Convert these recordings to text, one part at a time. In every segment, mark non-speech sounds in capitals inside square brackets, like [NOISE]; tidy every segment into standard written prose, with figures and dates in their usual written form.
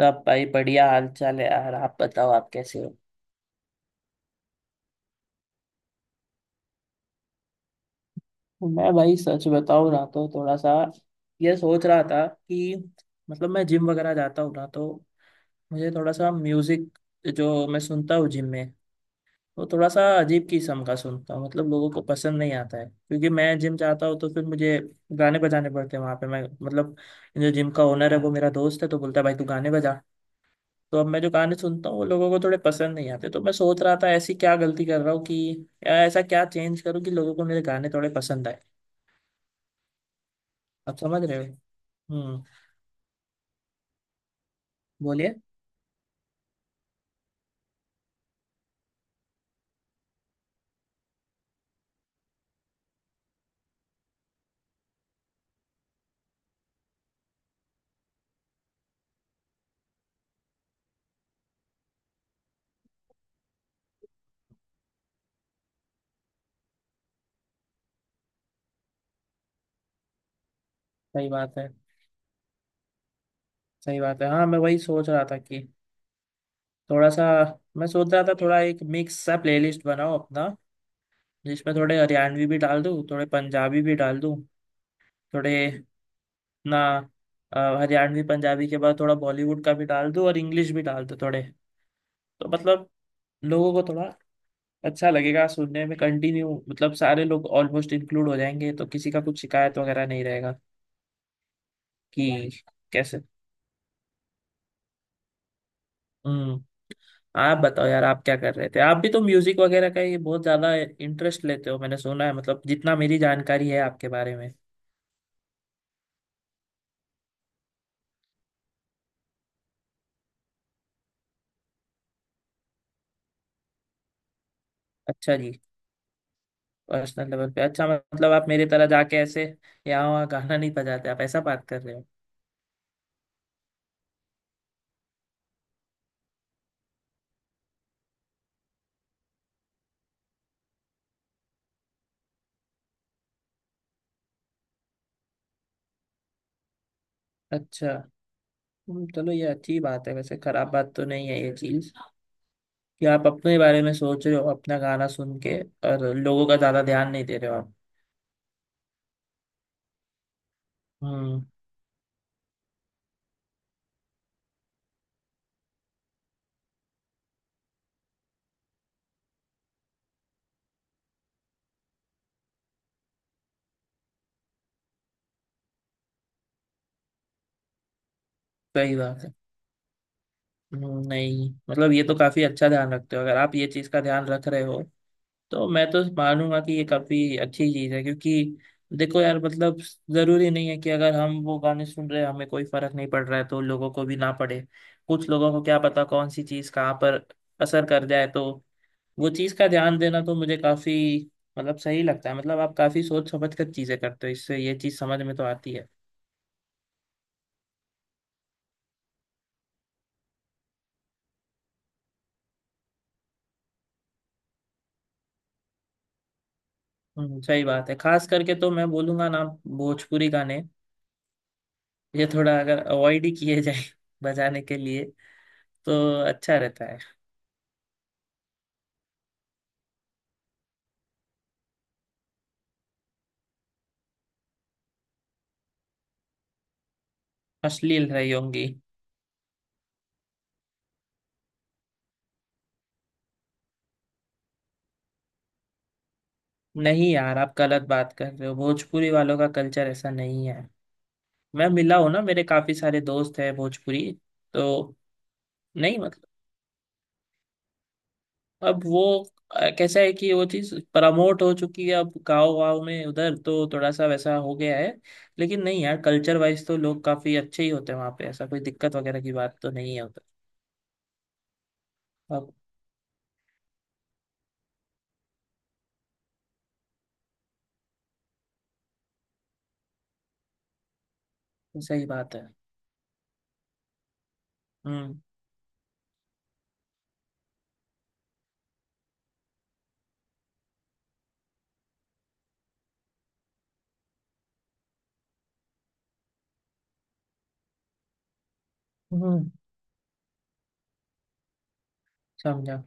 सब भाई बढ़िया हाल चाल है यार। आप बताओ, आप कैसे हो? मैं भाई सच बताऊं ना तो थोड़ा सा ये सोच रहा था कि मतलब मैं जिम वगैरह जाता हूँ ना, तो मुझे थोड़ा सा म्यूजिक, जो मैं सुनता हूँ जिम में, वो थोड़ा सा अजीब किस्म का सुनता हूँ। मतलब लोगों को पसंद नहीं आता है, क्योंकि मैं जिम जाता हूँ तो फिर मुझे गाने बजाने पड़ते हैं वहां पे। मैं मतलब, जो जिम का ओनर है वो मेरा दोस्त है, तो बोलता है भाई तू गाने बजा। तो अब मैं जो गाने सुनता हूँ वो लोगों को थोड़े पसंद नहीं आते, तो मैं सोच रहा था ऐसी क्या गलती कर रहा हूँ कि, या ऐसा क्या चेंज करूँ कि लोगों को मेरे गाने थोड़े पसंद आए। आप समझ रहे हो? हम्म। बोलिए। सही बात है। सही बात है। हाँ, मैं वही सोच रहा था कि थोड़ा सा। मैं सोच रहा था थोड़ा एक मिक्स सा प्लेलिस्ट बनाओ अपना। जिसमें थोड़े हरियाणवी भी डाल दूँ, थोड़े पंजाबी भी डाल दूँ, थोड़े ना हरियाणवी पंजाबी के बाद थोड़ा बॉलीवुड का भी डाल दूँ, और इंग्लिश भी डाल दूँ थोड़े। तो मतलब लोगों को थोड़ा अच्छा लगेगा सुनने में। कंटिन्यू मतलब सारे लोग ऑलमोस्ट इंक्लूड हो जाएंगे, तो किसी का कुछ शिकायत वगैरह नहीं रहेगा। कि कैसे। हम्म। आप बताओ यार, आप क्या कर रहे थे? आप भी तो म्यूजिक वगैरह का ये बहुत ज्यादा इंटरेस्ट लेते हो, मैंने सुना है, मतलब जितना मेरी जानकारी है आपके बारे में। अच्छा जी। पर्सनल लेवल पे, अच्छा मतलब आप मेरे तरह जाके ऐसे यहाँ वहाँ गाना नहीं बजाते, आप ऐसा बात कर रहे हो। अच्छा। चलो ये अच्छी बात है। वैसे खराब बात तो नहीं है ये चीज, कि आप अपने बारे में सोच रहे हो, अपना गाना सुन के, और लोगों का ज्यादा ध्यान नहीं दे रहे हो आप। हम्म। सही बात है। नहीं मतलब ये तो काफी अच्छा ध्यान रखते हो। अगर आप ये चीज का ध्यान रख रहे हो तो मैं तो मानूंगा कि ये काफी अच्छी चीज है, क्योंकि देखो यार मतलब, जरूरी नहीं है कि अगर हम वो गाने सुन रहे हैं, हमें कोई फर्क नहीं पड़ रहा है, तो लोगों को भी ना पड़े। कुछ लोगों को क्या पता कौन सी चीज कहाँ पर असर कर जाए, तो वो चीज का ध्यान देना तो मुझे काफी, मतलब सही लगता है। मतलब आप काफी सोच समझ कर चीजें करते हो, इससे ये चीज समझ में तो आती है। सही बात है। खास करके तो मैं बोलूंगा ना, भोजपुरी गाने ये थोड़ा अगर अवॉइड ही किए जाए [LAUGHS] बजाने के लिए तो अच्छा रहता है। अश्लील रही होंगी। नहीं यार, आप गलत बात कर रहे हो, भोजपुरी वालों का कल्चर ऐसा नहीं है। मैं मिला हूँ ना, मेरे काफी सारे दोस्त हैं भोजपुरी। तो नहीं मतलब, अब वो कैसा है कि वो चीज प्रमोट हो चुकी है अब गाँव गाँव में उधर, तो थोड़ा सा वैसा हो गया है। लेकिन नहीं यार, कल्चर वाइज तो लोग काफी अच्छे ही होते हैं वहाँ पे, ऐसा कोई दिक्कत वगैरह की बात तो नहीं है उधर। अब सही बात है। हम्म हम्म। समझा।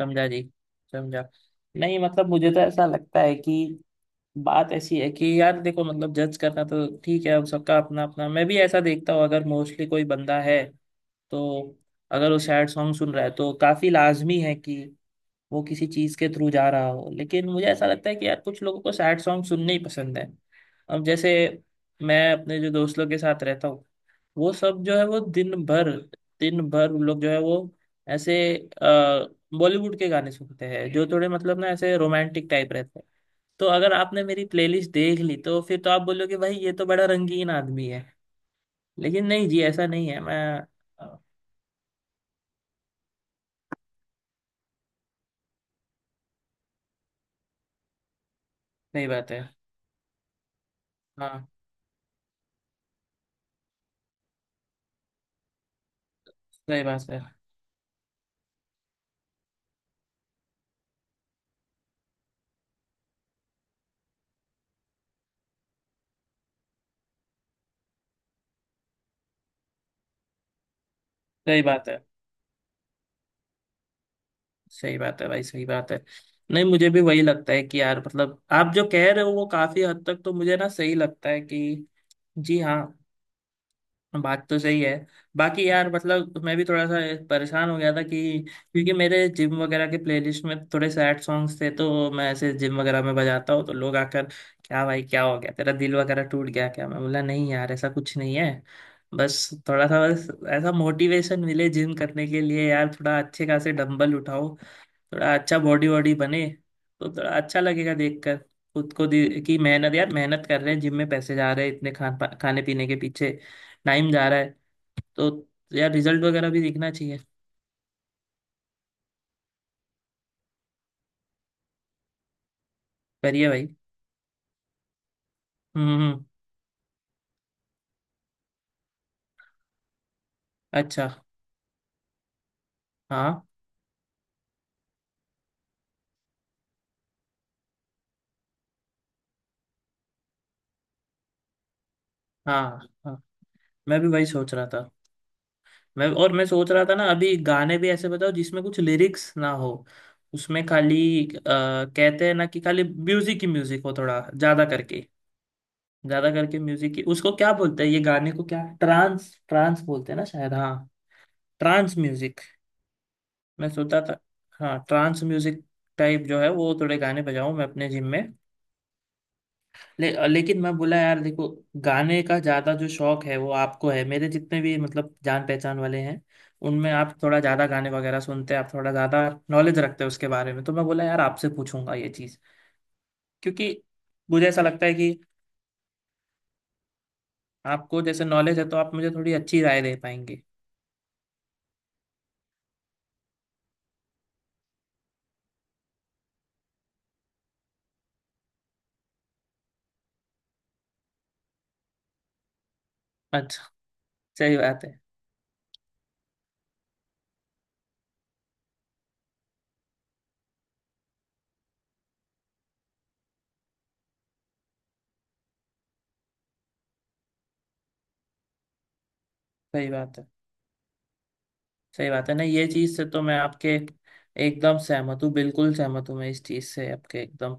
समझा जी। समझा। नहीं मतलब मुझे तो ऐसा लगता है कि, बात ऐसी है कि यार देखो मतलब, जज करना तो ठीक है, अब सबका अपना अपना। मैं भी ऐसा देखता हूँ, अगर मोस्टली कोई बंदा है, तो अगर वो सैड सॉन्ग सुन रहा है तो काफी लाजमी है कि वो किसी चीज के थ्रू जा रहा हो। लेकिन मुझे ऐसा लगता है कि यार कुछ लोगों को सैड सॉन्ग सुनने ही पसंद है। अब जैसे मैं अपने जो दोस्त लोग के साथ रहता हूँ, वो सब जो है वो दिन भर उन लोग जो है वो ऐसे बॉलीवुड के गाने सुनते हैं, जो थोड़े मतलब ना ऐसे रोमांटिक टाइप रहते हैं। तो अगर आपने मेरी प्लेलिस्ट देख ली तो फिर तो आप बोलोगे भाई ये तो बड़ा रंगीन आदमी है। लेकिन नहीं जी, ऐसा नहीं है मैं अ, सही बात है। हाँ सही बात है। सही बात है। सही बात है भाई, सही बात है। नहीं मुझे भी वही लगता है कि यार मतलब आप जो कह रहे हो, वो काफी हद तक तो मुझे ना सही लगता है कि, जी हाँ, बात तो सही है। बाकी यार मतलब मैं भी थोड़ा सा परेशान हो गया था कि, क्योंकि मेरे जिम वगैरह के प्लेलिस्ट में थोड़े सैड सॉन्ग्स थे, तो मैं ऐसे जिम वगैरह में बजाता हूँ, तो लोग आकर, क्या भाई क्या हो गया, तेरा दिल वगैरह टूट गया क्या? मैं बोला नहीं यार, ऐसा कुछ नहीं है। बस थोड़ा सा, बस ऐसा मोटिवेशन मिले जिम करने के लिए, यार थोड़ा अच्छे खासे डंबल उठाओ, थोड़ा अच्छा बॉडी वॉडी बने, तो थोड़ा अच्छा लगेगा देखकर। खुद को कि मेहनत, यार मेहनत कर रहे हैं, जिम में पैसे जा रहे हैं इतने, खाने पीने के पीछे टाइम जा रहा है, तो यार रिजल्ट वगैरह भी दिखना चाहिए। करिए भाई। हम्म हम्म, अच्छा। हाँ हाँ हाँ, मैं भी वही सोच रहा था। मैं और मैं सोच रहा था ना, अभी गाने भी ऐसे बताओ जिसमें कुछ लिरिक्स ना हो, उसमें खाली कहते हैं ना कि खाली म्यूजिक ही म्यूजिक हो, थोड़ा ज्यादा करके। ज्यादा करके म्यूजिक की उसको क्या बोलते हैं, ये गाने को क्या ट्रांस ट्रांस बोलते हैं ना शायद, हाँ ट्रांस म्यूजिक। मैं सोचता था, हाँ ट्रांस म्यूजिक टाइप जो है वो थोड़े गाने बजाऊं मैं अपने जिम में। लेकिन मैं बोला यार देखो, गाने का ज्यादा जो शौक है वो आपको है, मेरे जितने भी मतलब जान पहचान वाले हैं उनमें। आप थोड़ा ज्यादा गाने वगैरह सुनते हैं, आप थोड़ा ज्यादा नॉलेज रखते हैं उसके बारे में, तो मैं बोला यार आपसे पूछूंगा ये चीज। क्योंकि मुझे ऐसा लगता है कि आपको जैसे नॉलेज है तो आप मुझे थोड़ी अच्छी राय दे पाएंगे। अच्छा। सही बात है। सही बात है। सही बात है ना, ये चीज से तो मैं आपके एकदम सहमत हूँ, बिल्कुल सहमत हूँ मैं इस चीज से आपके एकदम।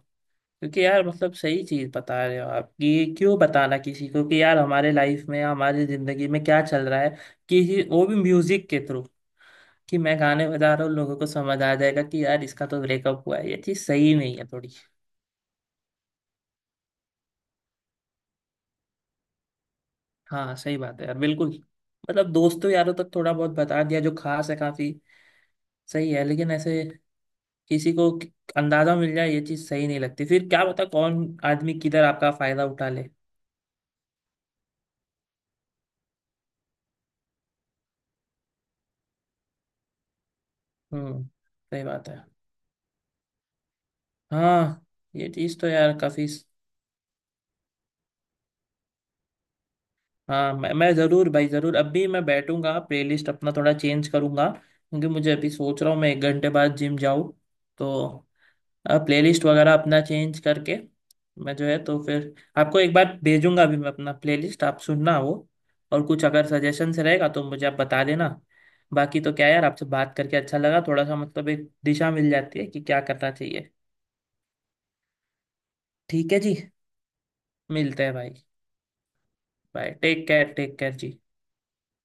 क्योंकि यार मतलब सही चीज बता रहे हो आप, कि ये क्यों बताना किसी को कि यार हमारे लाइफ में, हमारी जिंदगी में क्या चल रहा है, कि वो भी म्यूजिक के थ्रू, कि मैं गाने बजा रहा हूँ लोगों को समझ आ जाएगा कि यार इसका तो ब्रेकअप हुआ है, ये चीज सही नहीं है थोड़ी। हाँ सही बात है यार बिल्कुल। मतलब दोस्तों यारों तक थोड़ा बहुत बता दिया जो खास है, काफी सही है। लेकिन ऐसे किसी को अंदाजा मिल जाए, ये चीज सही नहीं लगती। फिर क्या पता कौन आदमी किधर आपका फायदा उठा ले। हम्म। सही बात है। हाँ ये चीज तो यार काफी। हाँ मैं जरूर भाई जरूर। अभी मैं बैठूंगा, प्लेलिस्ट अपना थोड़ा चेंज करूंगा, क्योंकि मुझे अभी सोच रहा हूँ मैं एक घंटे बाद जिम जाऊँ, तो प्लेलिस्ट वगैरह अपना चेंज करके मैं जो है तो फिर आपको एक बार भेजूंगा। अभी मैं अपना प्लेलिस्ट आप सुनना वो, और कुछ अगर सजेशंस रहेगा तो मुझे आप बता देना। बाकी तो क्या यार, आपसे बात करके अच्छा लगा थोड़ा सा, मतलब एक दिशा मिल जाती है कि क्या करना चाहिए। ठीक है जी। मिलते हैं भाई। Bye, take care, take care जी।